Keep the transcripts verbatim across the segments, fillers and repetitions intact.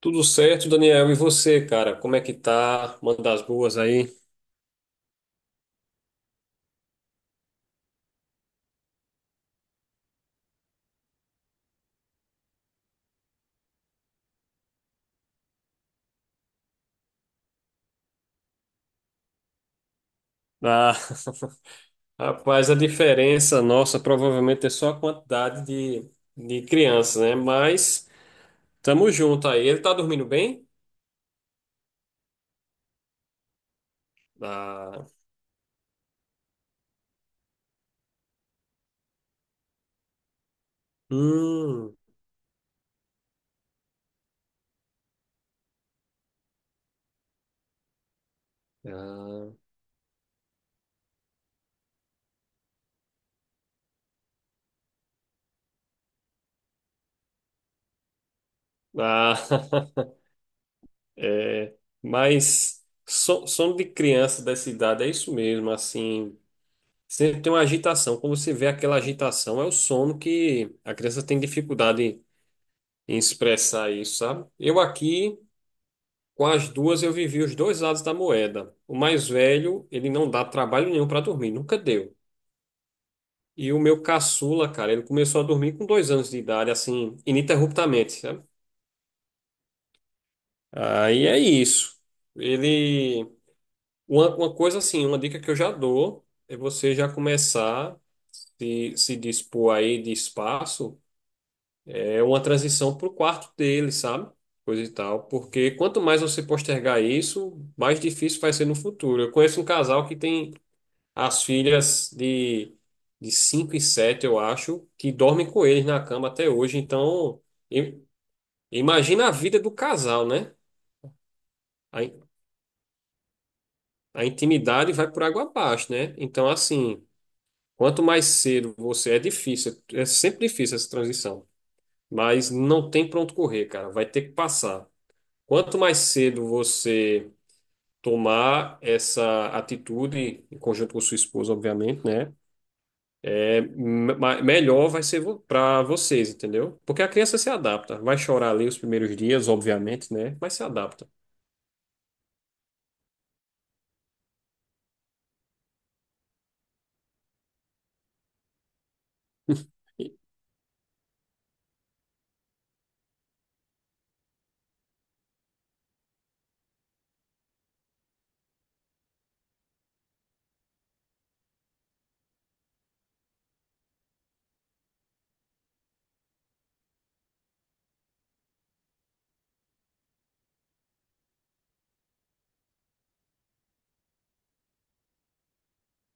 Tudo certo, Daniel? E você, cara? Como é que tá? Manda as boas aí. Ah, rapaz, a diferença nossa provavelmente é só a quantidade de, de crianças, né? Mas tamo junto aí. Ele tá dormindo bem? Ah, hum, ah, ah, é. Mas so- sono de criança dessa idade é isso mesmo, assim. Sempre tem uma agitação. Quando você vê aquela agitação, é o sono que a criança tem dificuldade em expressar isso, sabe? Eu aqui, com as duas, eu vivi os dois lados da moeda. O mais velho, ele não dá trabalho nenhum para dormir, nunca deu. E o meu caçula, cara, ele começou a dormir com dois anos de idade, assim, ininterruptamente, sabe? Aí é isso. Ele. Uma, uma coisa assim, uma dica que eu já dou é você já começar se, se dispor aí de espaço é uma transição para o quarto dele, sabe? Coisa e tal. Porque quanto mais você postergar isso, mais difícil vai ser no futuro. Eu conheço um casal que tem as filhas de, de cinco e sete, eu acho, que dormem com eles na cama até hoje. Então, im- imagina a vida do casal, né? A, in- a intimidade vai por água abaixo, né? Então, assim, quanto mais cedo você é difícil, é sempre difícil essa transição. Mas não tem pra onde correr, cara. Vai ter que passar. Quanto mais cedo você tomar essa atitude, em conjunto com sua esposa, obviamente, né? É, me- ma- melhor vai ser para vocês, entendeu? Porque a criança se adapta. Vai chorar ali os primeiros dias, obviamente, né? Mas se adapta. E-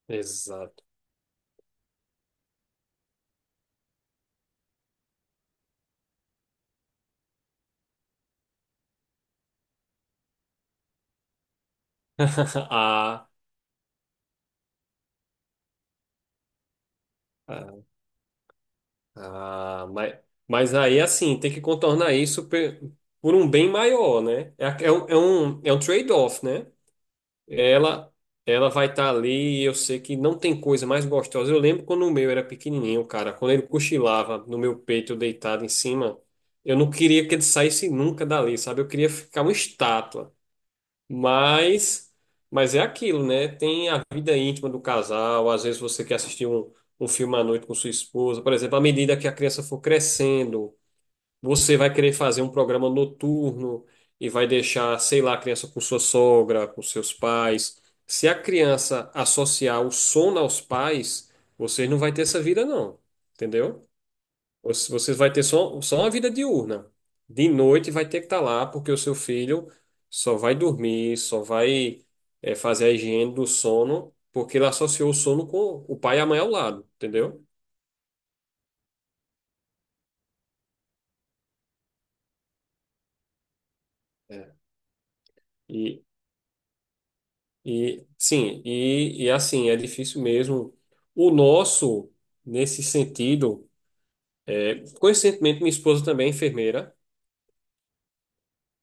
Exato. Ah, ah, ah, mas, mas aí, assim, tem que contornar isso pe- por um bem maior, né? É, é um, é um é um trade-off, né? Ela, ela vai estar ali e eu sei que não tem coisa mais gostosa. Eu lembro quando o meu era pequenininho, cara, quando ele cochilava no meu peito, eu deitado em cima, eu não queria que ele saísse nunca dali, sabe? Eu queria ficar uma estátua. Mas, mas é aquilo, né? Tem a vida íntima do casal. Às vezes você quer assistir um, um filme à noite com sua esposa, por exemplo, à medida que a criança for crescendo. Você vai querer fazer um programa noturno e vai deixar, sei lá, a criança com sua sogra, com seus pais. Se a criança associar o sono aos pais, vocês não vai ter essa vida, não. Entendeu? Você- Vocês vai ter só, só uma vida diurna. De noite vai ter que estar lá, porque o seu filho só vai dormir, só vai, eh, fazer a higiene do sono, porque ele associou o sono com o pai e a mãe ao lado, entendeu? É. E E sim, e, e assim, é difícil mesmo. O nosso, nesse sentido, é, coincidentemente, minha esposa também é enfermeira.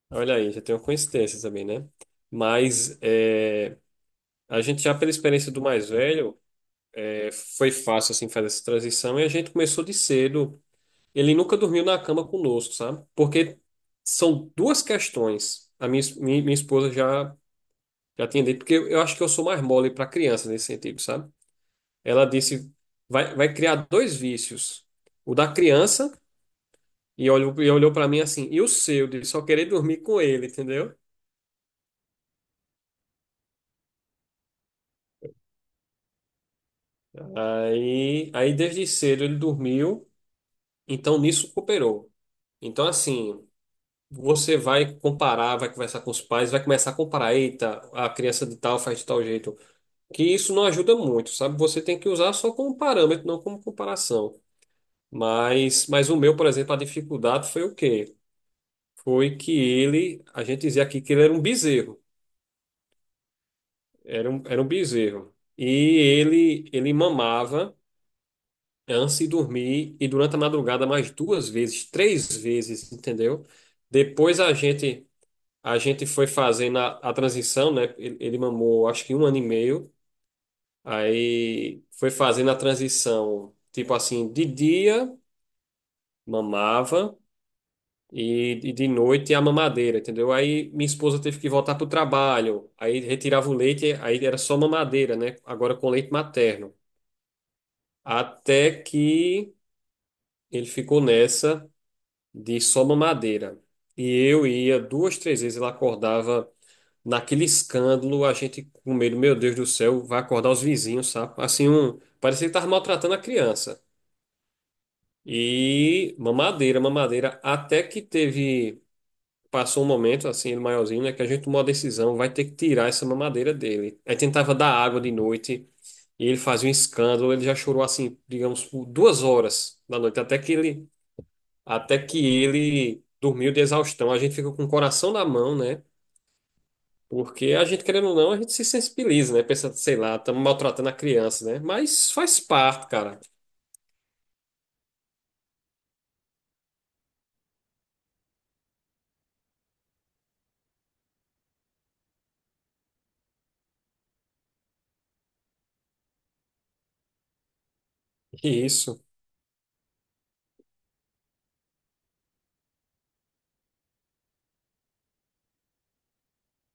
Olha aí, já tem uma coincidência também, né? Mas é, a gente já pela experiência do mais velho, é, foi fácil assim fazer essa transição e a gente começou de cedo. Ele nunca dormiu na cama conosco, sabe? Porque são duas questões. A minha, es- minha, minha esposa já já tinha dito, porque eu, eu acho que eu sou mais mole para criança nesse sentido, sabe? Ela disse: vai, vai criar dois vícios. O da criança, e olhou, e olhou para mim assim, e o seu, de só querer dormir com ele, entendeu? Aí, aí desde cedo ele dormiu, então nisso cooperou. Então, assim, você vai comparar, vai conversar com os pais, vai começar a comparar, eita, a criança de tal faz de tal jeito. Que isso não ajuda muito, sabe? Você tem que usar só como parâmetro, não como comparação. Mas, mas o meu, por exemplo, a dificuldade foi o quê? Foi que ele, a gente dizia aqui que ele era um bezerro, era um, era um bezerro. E ele, ele mamava antes de dormir e durante a madrugada mais duas vezes, três vezes, entendeu? Depois a gente, a gente foi fazendo a, a transição, né? Ele, ele mamou acho que um ano e meio, aí foi fazendo a transição, tipo assim, de dia mamava. E, e de noite é a mamadeira, entendeu? Aí minha esposa teve que voltar pro trabalho, aí retirava o leite, aí era só mamadeira, né? Agora com leite materno. Até que ele ficou nessa de só mamadeira. E eu ia duas, três vezes, ela acordava naquele escândalo, a gente com medo, meu Deus do céu, vai acordar os vizinhos, sabe? Assim, um, parecia que estava maltratando a criança. E mamadeira, mamadeira, até que teve. Passou um momento, assim, ele maiorzinho, né, que a gente tomou a decisão, vai ter que tirar essa mamadeira dele. Aí tentava dar água de noite, e ele fazia um escândalo, ele já chorou, assim, digamos, por duas horas da noite, até que ele, até que ele dormiu de exaustão. A gente fica com o coração na mão, né, porque a gente, querendo ou não, a gente se sensibiliza, né, pensa, sei lá, estamos maltratando a criança, né, mas faz parte, cara. Isso.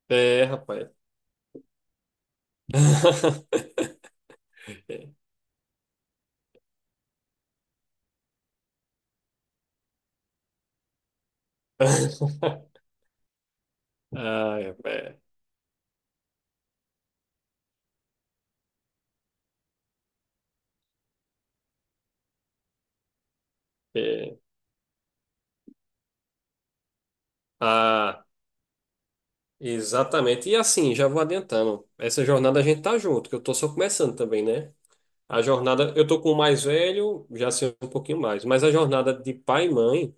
É, rapaz. ah rapaz. É. Ah, Exatamente. E assim, já vou adiantando. Essa jornada a gente tá junto, que eu tô só começando também, né? A jornada, eu tô com o mais velho, já sei um pouquinho mais, mas a jornada de pai e mãe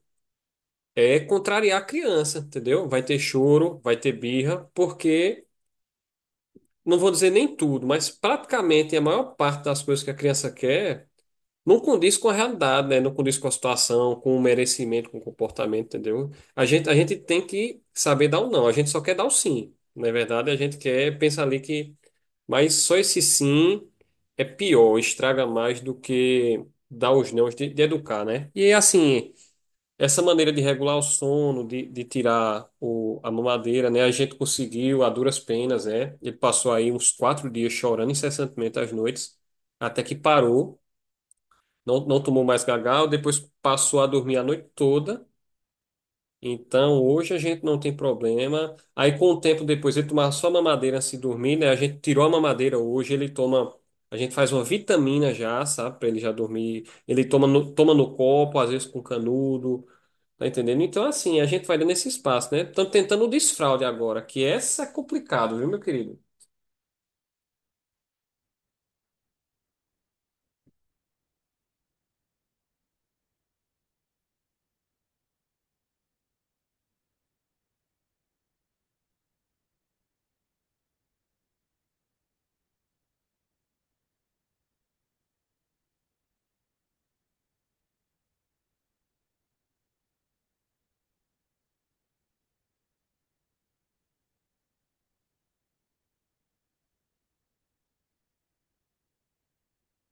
é contrariar a criança, entendeu? Vai ter choro, vai ter birra, porque não vou dizer nem tudo, mas praticamente a maior parte das coisas que a criança quer não condiz com a realidade, né? Não condiz com a situação, com o merecimento, com o comportamento, entendeu? A gente, a gente tem que saber dar o não, a gente só quer dar o sim. Na verdade, a gente quer pensar ali que. Mas só esse sim é pior, estraga mais do que dar os nãos de, de educar, né? E é assim, essa maneira de regular o sono, de, de tirar o, a mamadeira, né? A gente conseguiu a duras penas, né? Ele passou aí uns quatro dias chorando incessantemente às noites, até que parou. Não, não tomou mais gagal, depois passou a dormir a noite toda. Então, hoje a gente não tem problema. Aí, com o tempo depois, ele tomava só mamadeira antes de dormir, né? A gente tirou a mamadeira hoje, ele toma. A gente faz uma vitamina já, sabe? Pra ele já dormir. Ele toma no, toma no copo, às vezes com canudo. Tá entendendo? Então, assim, a gente vai dando esse espaço, né? Estamos tentando o desfraude agora, que essa é complicado, viu, meu querido?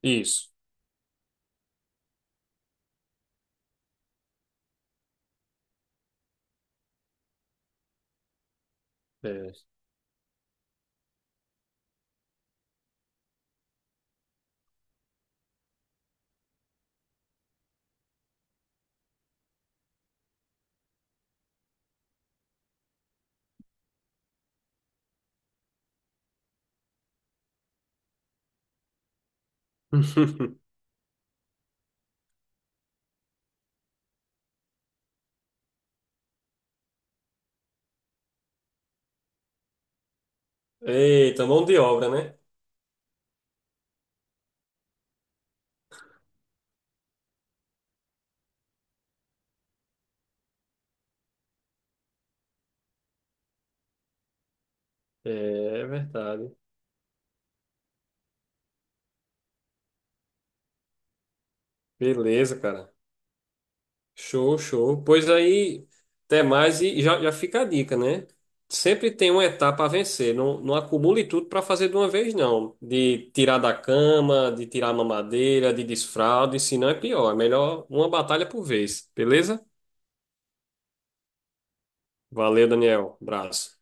Isso. É. Eita, mão de obra, né? É verdade. Beleza, cara. Show, show. Pois aí, até mais e já, já fica a dica, né? Sempre tem uma etapa a vencer. Não, não acumule tudo para fazer de uma vez, não. De tirar da cama, de tirar a mamadeira, de desfralde, senão é pior. É melhor uma batalha por vez, beleza? Valeu, Daniel. Abraço.